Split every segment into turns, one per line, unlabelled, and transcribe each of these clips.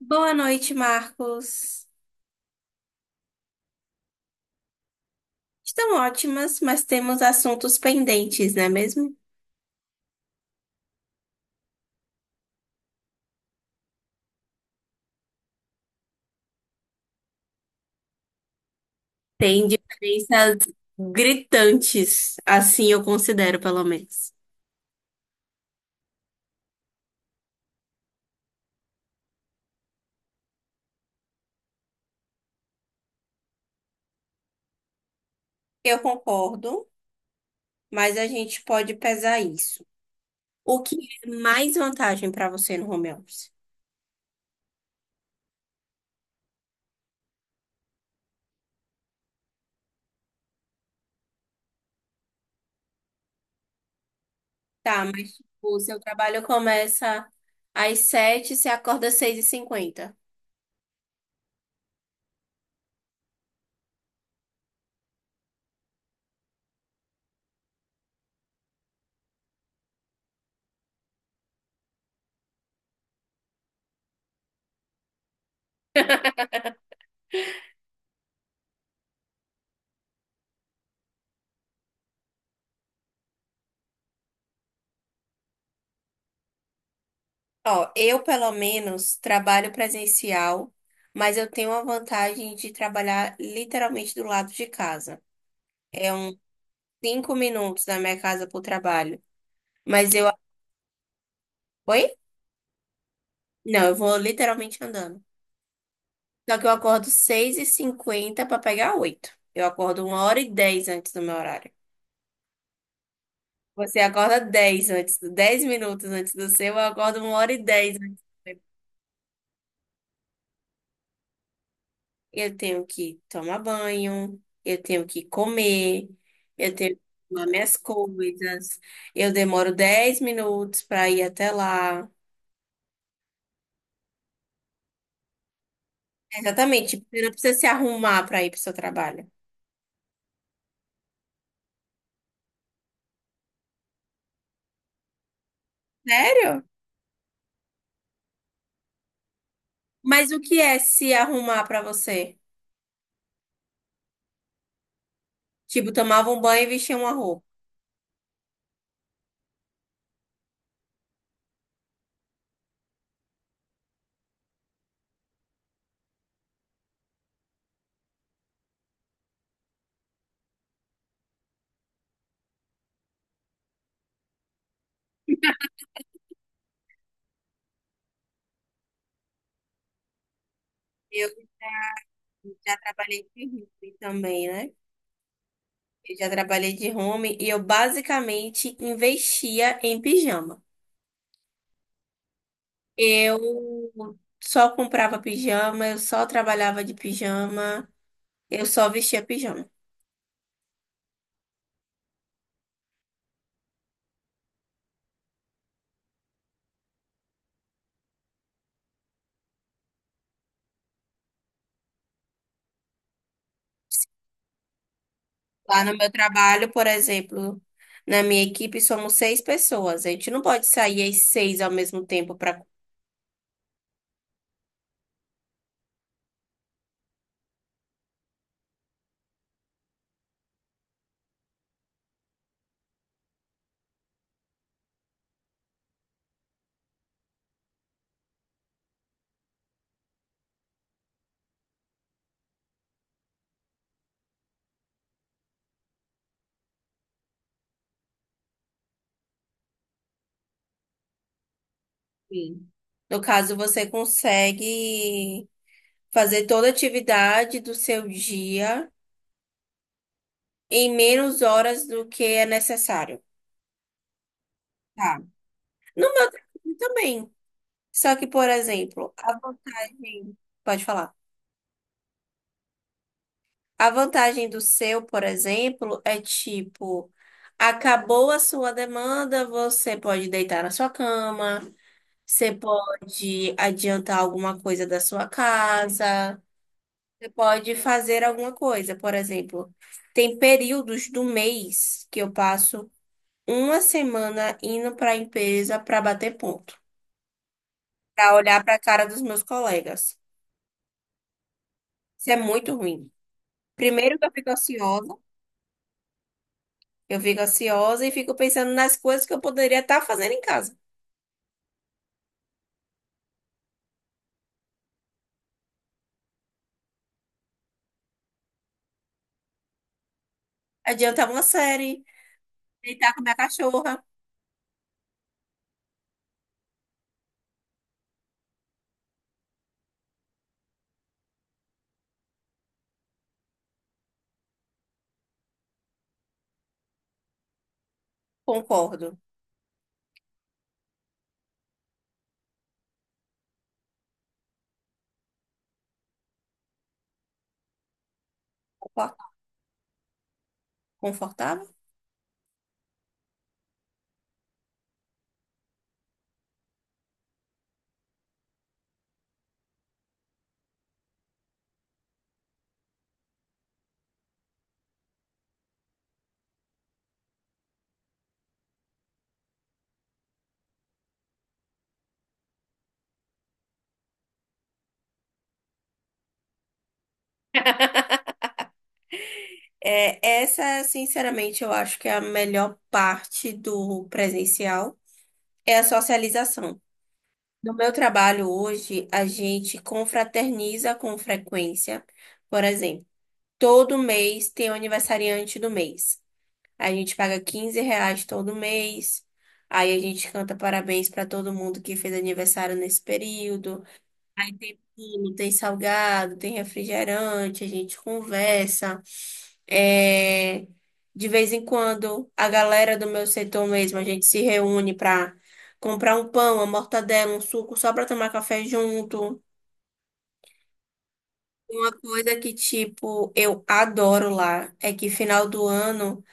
Boa noite, Marcos. Estão ótimas, mas temos assuntos pendentes, não é mesmo? Tem diferenças gritantes, assim eu considero, pelo menos. Eu concordo, mas a gente pode pesar isso. O que é mais vantagem para você no home office? Tá, mas tipo, o seu trabalho começa às 7 você acorda às 6h50. Ó, eu pelo menos trabalho presencial, mas eu tenho a vantagem de trabalhar literalmente do lado de casa. É uns 5 minutos da minha casa pro trabalho. Mas eu. Oi? Não, eu vou literalmente andando. Só que eu acordo seis e cinquenta para pegar 8. Eu acordo 1 hora e 10 antes do meu horário. Você acorda 10 antes, 10 minutos antes do seu, eu acordo 1 hora e 10 antes. Eu tenho que tomar banho, eu tenho que comer, eu tenho que tomar minhas coisas, eu demoro 10 minutos para ir até lá. Exatamente, você não precisa se arrumar para ir para o seu trabalho. Sério? Mas o que é se arrumar para você? Tipo, tomava um banho e vestia uma roupa. Eu já trabalhei de home também, né? Eu já trabalhei de home e eu basicamente investia em pijama. Eu só comprava pijama, eu só trabalhava de pijama, eu só vestia pijama. Lá no meu trabalho, por exemplo, na minha equipe somos seis pessoas. A gente não pode sair as seis ao mesmo tempo para comer. No caso, você consegue fazer toda a atividade do seu dia em menos horas do que é necessário. Tá. No meu trabalho também. Só que, por exemplo, a vantagem. Pode falar. A vantagem do seu, por exemplo, é tipo, acabou a sua demanda, você pode deitar na sua cama, você pode adiantar alguma coisa da sua casa, você pode fazer alguma coisa. Por exemplo, tem períodos do mês que eu passo uma semana indo para a empresa para bater ponto, para olhar para a cara dos meus colegas. Isso é muito ruim. Primeiro que eu fico ansiosa. Eu fico ansiosa e fico pensando nas coisas que eu poderia estar fazendo em casa. Adiantar uma série, deitar com minha cachorra. Concordo. Confort- Confortável? É, essa, sinceramente, eu acho que é a melhor parte do presencial, é a socialização. No meu trabalho hoje, a gente confraterniza com frequência. Por exemplo, todo mês tem o aniversariante do mês. A gente paga R$ 15 todo mês. Aí a gente canta parabéns para todo mundo que fez aniversário nesse período. Aí tem bolo, tem salgado, tem refrigerante, a gente conversa. É, De vez em quando, a galera do meu setor mesmo, a gente se reúne para comprar um pão, uma mortadela, um suco, só para tomar café junto. Uma coisa que, tipo, eu adoro lá é que final do ano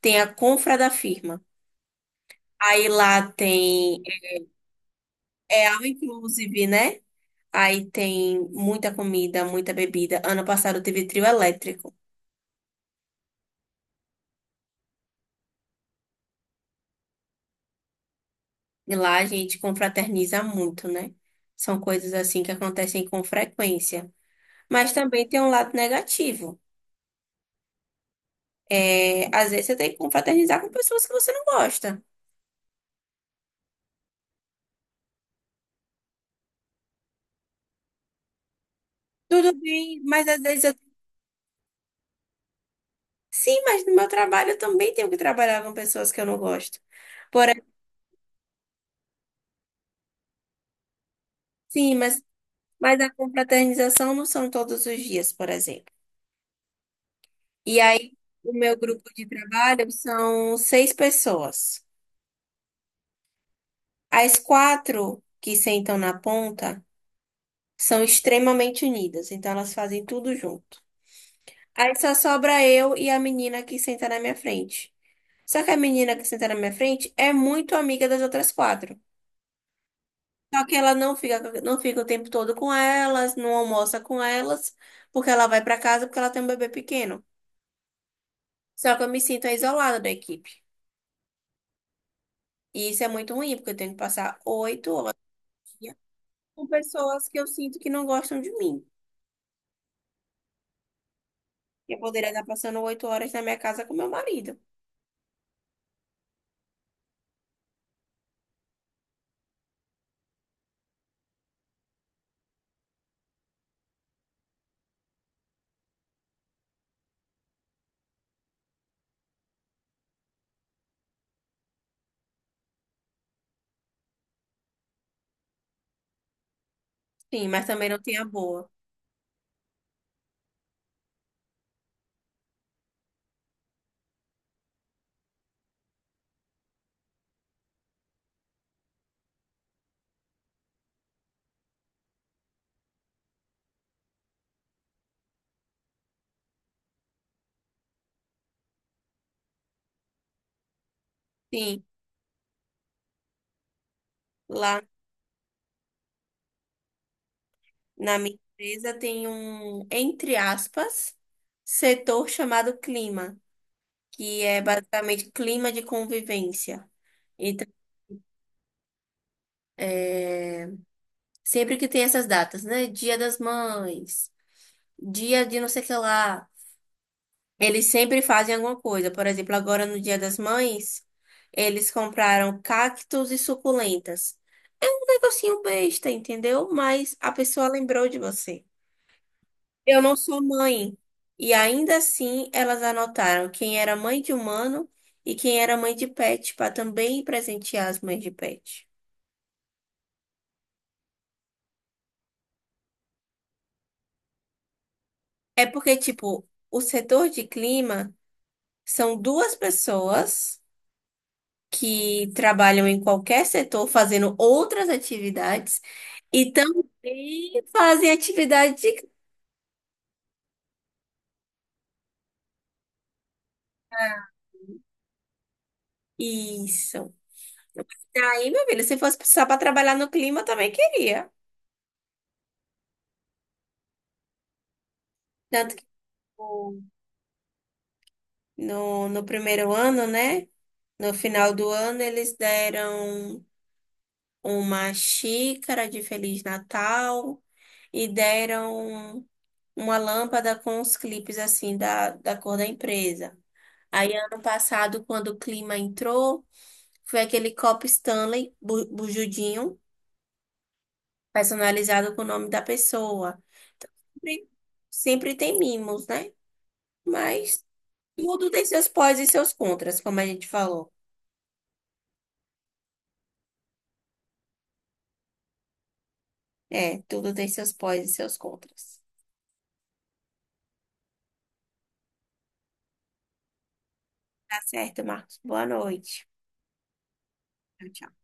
tem a confra da firma. Aí lá tem, é all inclusive, né? Aí tem muita comida, muita bebida. Ano passado teve trio elétrico. E lá a gente confraterniza muito, né? São coisas assim que acontecem com frequência. Mas também tem um lado negativo. É, às vezes você tem que confraternizar com pessoas que você não gosta. Tudo bem, mas às vezes eu... Sim, mas no meu trabalho eu também tenho que trabalhar com pessoas que eu não gosto. Por... Sim, mas a confraternização não são todos os dias, por exemplo. E aí, o meu grupo de trabalho são seis pessoas. As quatro que sentam na ponta são extremamente unidas, então elas fazem tudo junto. Aí só sobra eu e a menina que senta na minha frente. Só que a menina que senta na minha frente é muito amiga das outras quatro. Só que ela não fica o tempo todo com elas, não almoça com elas, porque ela vai para casa porque ela tem um bebê pequeno. Só que eu me sinto isolada da equipe. E isso é muito ruim, porque eu tenho que passar 8 horas com pessoas que eu sinto que não gostam de mim. Eu poderia estar passando 8 horas na minha casa com meu marido. Sim, mas também não tem a boa. Sim, lá na minha empresa tem um, entre aspas, setor chamado clima, que é basicamente clima de convivência. Então, sempre que tem essas datas, né? Dia das Mães, dia de não sei o que lá. Eles sempre fazem alguma coisa. Por exemplo, agora no Dia das Mães, eles compraram cactos e suculentas. É um negocinho besta, entendeu? Mas a pessoa lembrou de você. Eu não sou mãe. E ainda assim, elas anotaram quem era mãe de humano e quem era mãe de pet, para também presentear as mães de pet. É porque, tipo, o setor de clima são duas pessoas que trabalham em qualquer setor fazendo outras atividades. E também fazem atividade de graça. Isso. Daí, meu filho, se fosse precisar para trabalhar no clima, eu também queria. Tanto que o- no primeiro ano, né? No final do ano, eles deram uma xícara de Feliz Natal e deram uma lâmpada com os clipes, assim, da cor da empresa. Aí, ano passado, quando o clima entrou, foi aquele copo Stanley bujudinho personalizado com o nome da pessoa. Sempre, sempre tem mimos, né? Mas tudo tem seus pós e seus contras, como a gente falou. É, tudo tem seus pós e seus contras. Tá certo, Marcos. Boa noite. Tchau, tchau.